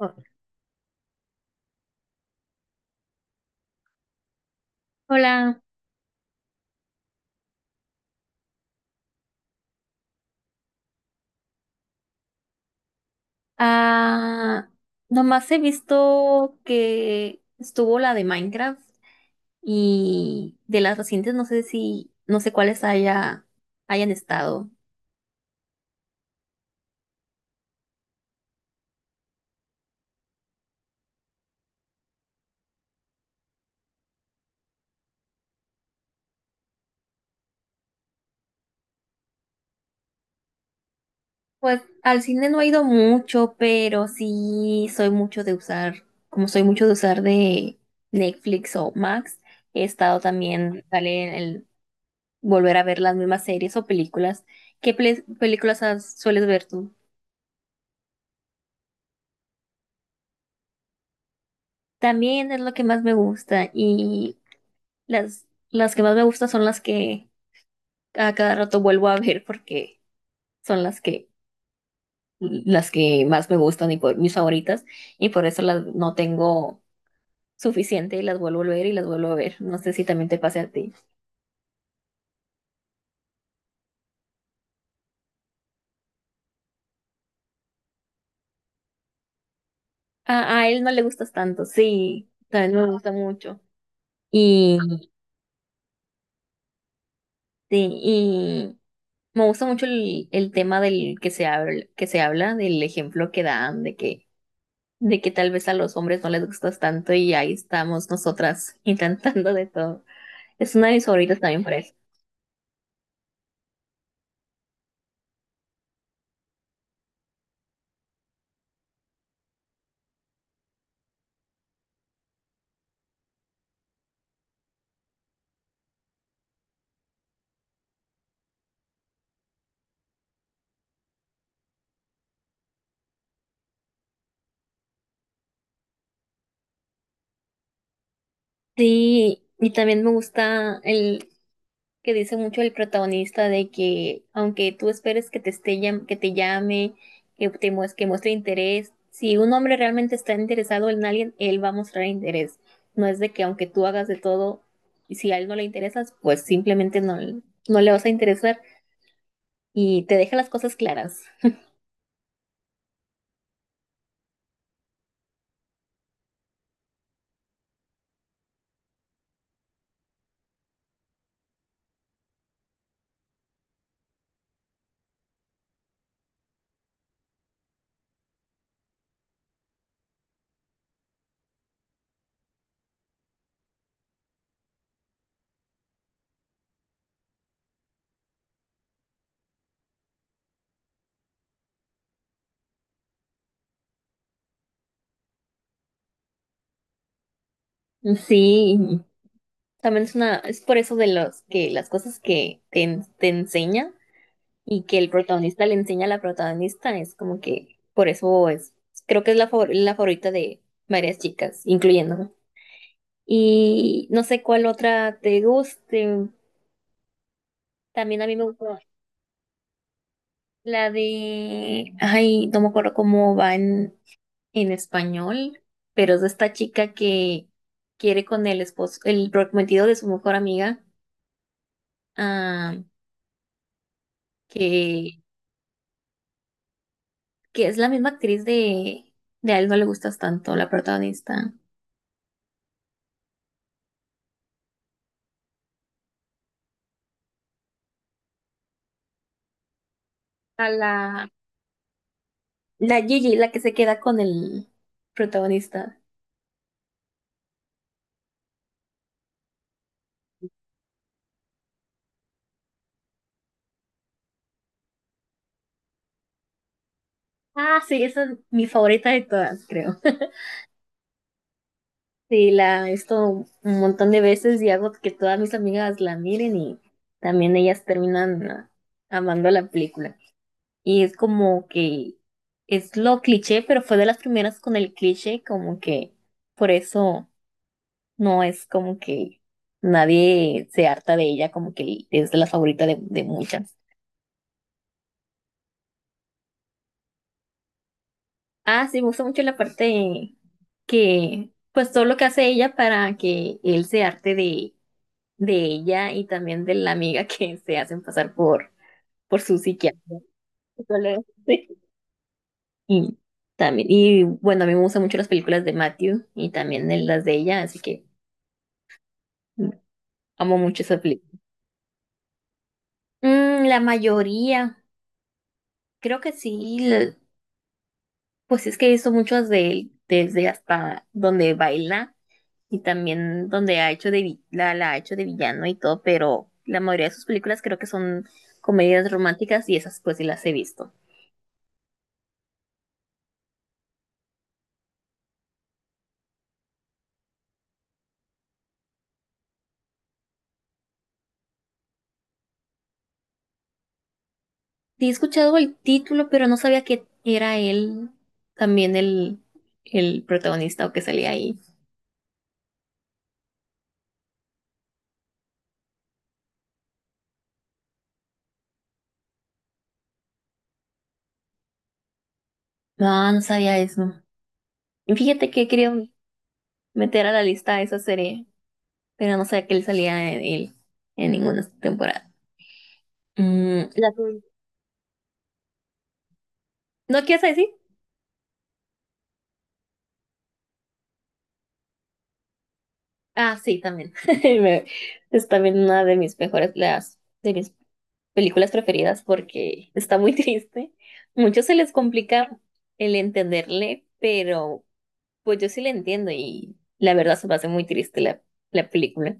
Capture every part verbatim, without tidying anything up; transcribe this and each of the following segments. Oh, hola. Ah, nomás he visto que estuvo la de Minecraft y de las recientes no sé si, no sé cuáles haya, hayan estado. Pues al cine no he ido mucho, pero sí soy mucho de usar, como soy mucho de usar de Netflix o Max, he estado también, sale en el volver a ver las mismas series o películas. ¿Qué pele- películas has- sueles ver tú? También es lo que más me gusta. Y Las, las que más me gustan son las que a cada rato vuelvo a ver porque son las que, las que más me gustan y por mis favoritas, y por eso las no tengo suficiente y las vuelvo a ver y las vuelvo a ver. No sé si también te pase a ti. A, a él no le gustas tanto, sí, también me gusta mucho. Y, sí, y me gusta mucho el, el tema del que se habla, que se habla, del ejemplo que dan, de que de que tal vez a los hombres no les gustas tanto y ahí estamos nosotras intentando de todo. Es una de mis favoritas también por eso. Sí, y también me gusta el que dice mucho el protagonista de que aunque tú esperes que te esté llam- que te llame, que te mues- que muestre interés, si un hombre realmente está interesado en alguien, él va a mostrar interés. No es de que aunque tú hagas de todo, y si a él no le interesas, pues simplemente no, no le vas a interesar y te deja las cosas claras. Sí, también es una, es por eso de los que las cosas que te, en- te enseña y que el protagonista le enseña a la protagonista, es como que por eso es, creo que es la, favor- la favorita de varias chicas, incluyéndome. Y no sé cuál otra te guste. También a mí me gustó la de, ay, no me acuerdo cómo va en, en español, pero es de esta chica que quiere con el esposo, el prometido de su mejor amiga, ah, que, que es la misma actriz de, de A él no le gustas tanto, la protagonista. A la, la Gigi, la que se queda con el protagonista. Ah, sí, esa es mi favorita de todas, creo. Sí, la he visto un montón de veces y hago que todas mis amigas la miren y también ellas terminan ah, amando la película. Y es como que es lo cliché, pero fue de las primeras con el cliché, como que por eso no es como que nadie se harta de ella, como que es de la favorita de, de muchas. Ah, sí, me gusta mucho la parte que pues todo lo que hace ella para que él se harte de, de ella y también de la amiga que se hacen pasar por, por su psiquiatra. Solo- sí. Y también, y bueno, a mí me gustan mucho las películas de Matthew y también el- las de ella, así que mm, amo mucho esa película. Mm, la mayoría, creo que sí, la- pues es que he visto muchas de él, desde hasta donde baila. Y también donde ha hecho de vi- la, la ha hecho de villano y todo, pero la mayoría de sus películas creo que son comedias románticas y esas pues sí las he visto. Sí he escuchado el título, pero no sabía que era él también el, el protagonista o que salía ahí. No, no sabía eso. Y fíjate que quería meter a la lista esa serie, pero no sabía que él salía en él en ninguna temporada. Mm, la ¿No quieres decir? Ah, sí, también. Me- Es también una de mis mejores, las de mis películas preferidas porque está muy triste. Muchos se les complica el entenderle, pero pues yo sí le entiendo y la verdad se me hace muy triste la, la película.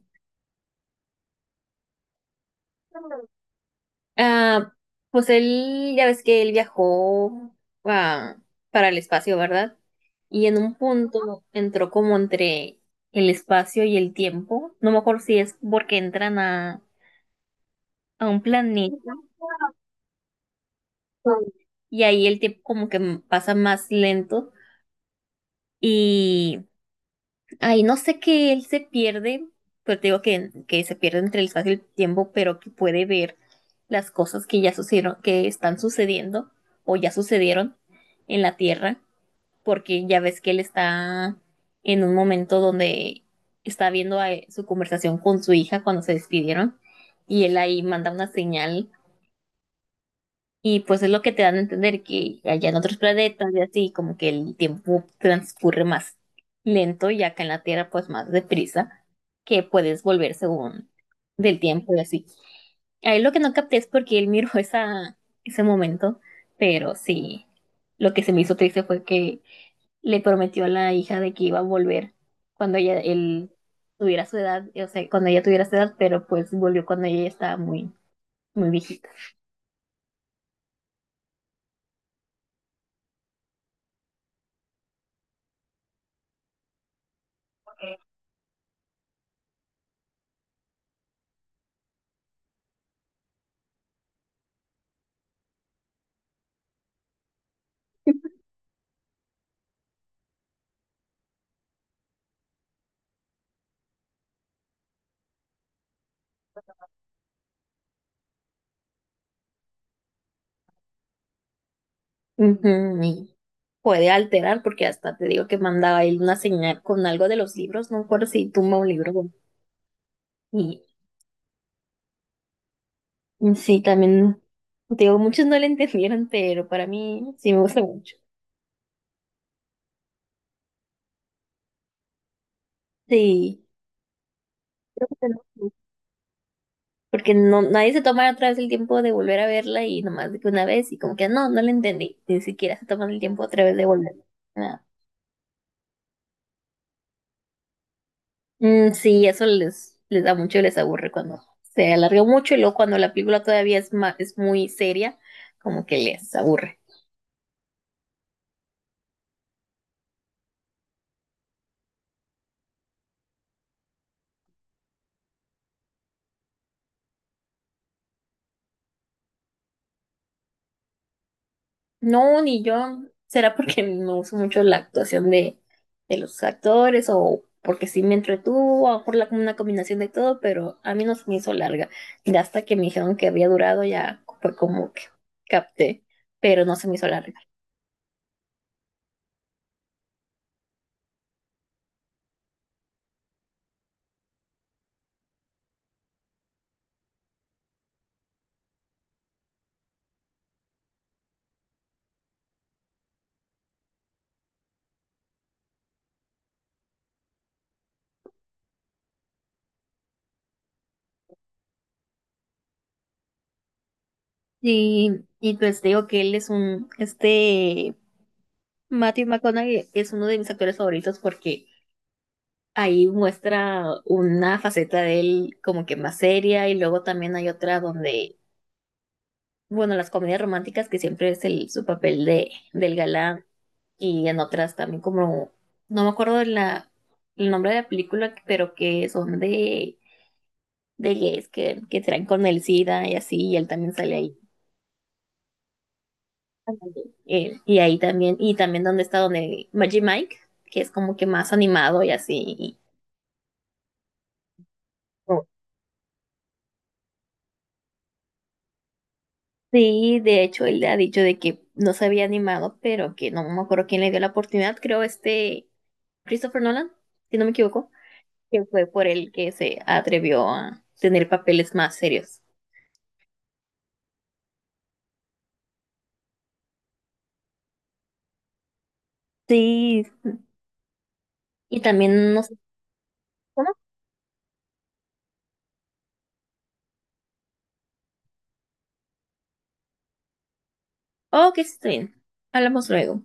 Ah, pues él, ya ves que él viajó ah, para el espacio, ¿verdad? Y en un punto entró como entre el espacio y el tiempo. No me acuerdo si es porque entran a, a un planeta y ahí el tiempo como que pasa más lento. Y ahí no sé que él se pierde, pero te digo que, que se pierde entre el espacio y el tiempo, pero que puede ver las cosas que ya sucedieron, que están sucediendo o ya sucedieron en la Tierra, porque ya ves que él está en un momento donde está viendo a- eh, su conversación con su hija cuando se despidieron y él ahí manda una señal y pues es lo que te dan a entender que allá en otros planetas y así, como que el tiempo transcurre más lento y acá en la Tierra pues más deprisa, que puedes volver según del tiempo y así. Ahí lo que no capté es porque él miró esa, ese momento, pero sí, lo que se me hizo triste fue que le prometió a la hija de que iba a volver cuando ella, él tuviera su edad, o sea, cuando ella tuviera su edad, pero pues volvió cuando ella ya estaba muy, muy viejita. Ujú, y puede alterar, porque hasta te digo que mandaba él una señal con algo de los libros, no me acuerdo si tumba un libro. Bueno, Y y sí, también, te digo, muchos no le entendieron, pero para mí sí me gusta mucho. Sí, creo que tenemos porque no, nadie se toma otra vez el tiempo de volver a verla y nomás de que una vez y como que no, no la entendí, ni siquiera se toman el tiempo otra vez de volver. Nada. Mm, sí, eso les, les da mucho y les aburre cuando se alargó mucho y luego cuando la película todavía es, ma- es muy seria, como que les aburre. No, ni yo. ¿Será porque no uso mucho la actuación de, de los actores o porque sí me entretuvo o por la, una combinación de todo? Pero a mí no se me hizo larga. Y hasta que me dijeron que había durado ya fue como que capté, pero no se me hizo larga. Y, y pues digo que él es un, este, Matthew McConaughey es uno de mis actores favoritos porque ahí muestra una faceta de él como que más seria y luego también hay otra donde bueno, las comedias románticas que siempre es el, su papel de, del galán y en otras también como, no me acuerdo de la, el nombre de la película, pero que son de, de gays que, que traen con el SIDA y así, y él también sale ahí. Eh, y ahí también, y también donde está donde Magic Mike, que es como que más animado y así. Y- sí, de hecho, él le ha dicho de que no se había animado, pero que no me acuerdo quién le dio la oportunidad, creo este Christopher Nolan, si no me equivoco. Que fue por el que se atrevió a tener papeles más serios. Sí, y también no sé cómo. Oh, que está bien. Hablamos luego.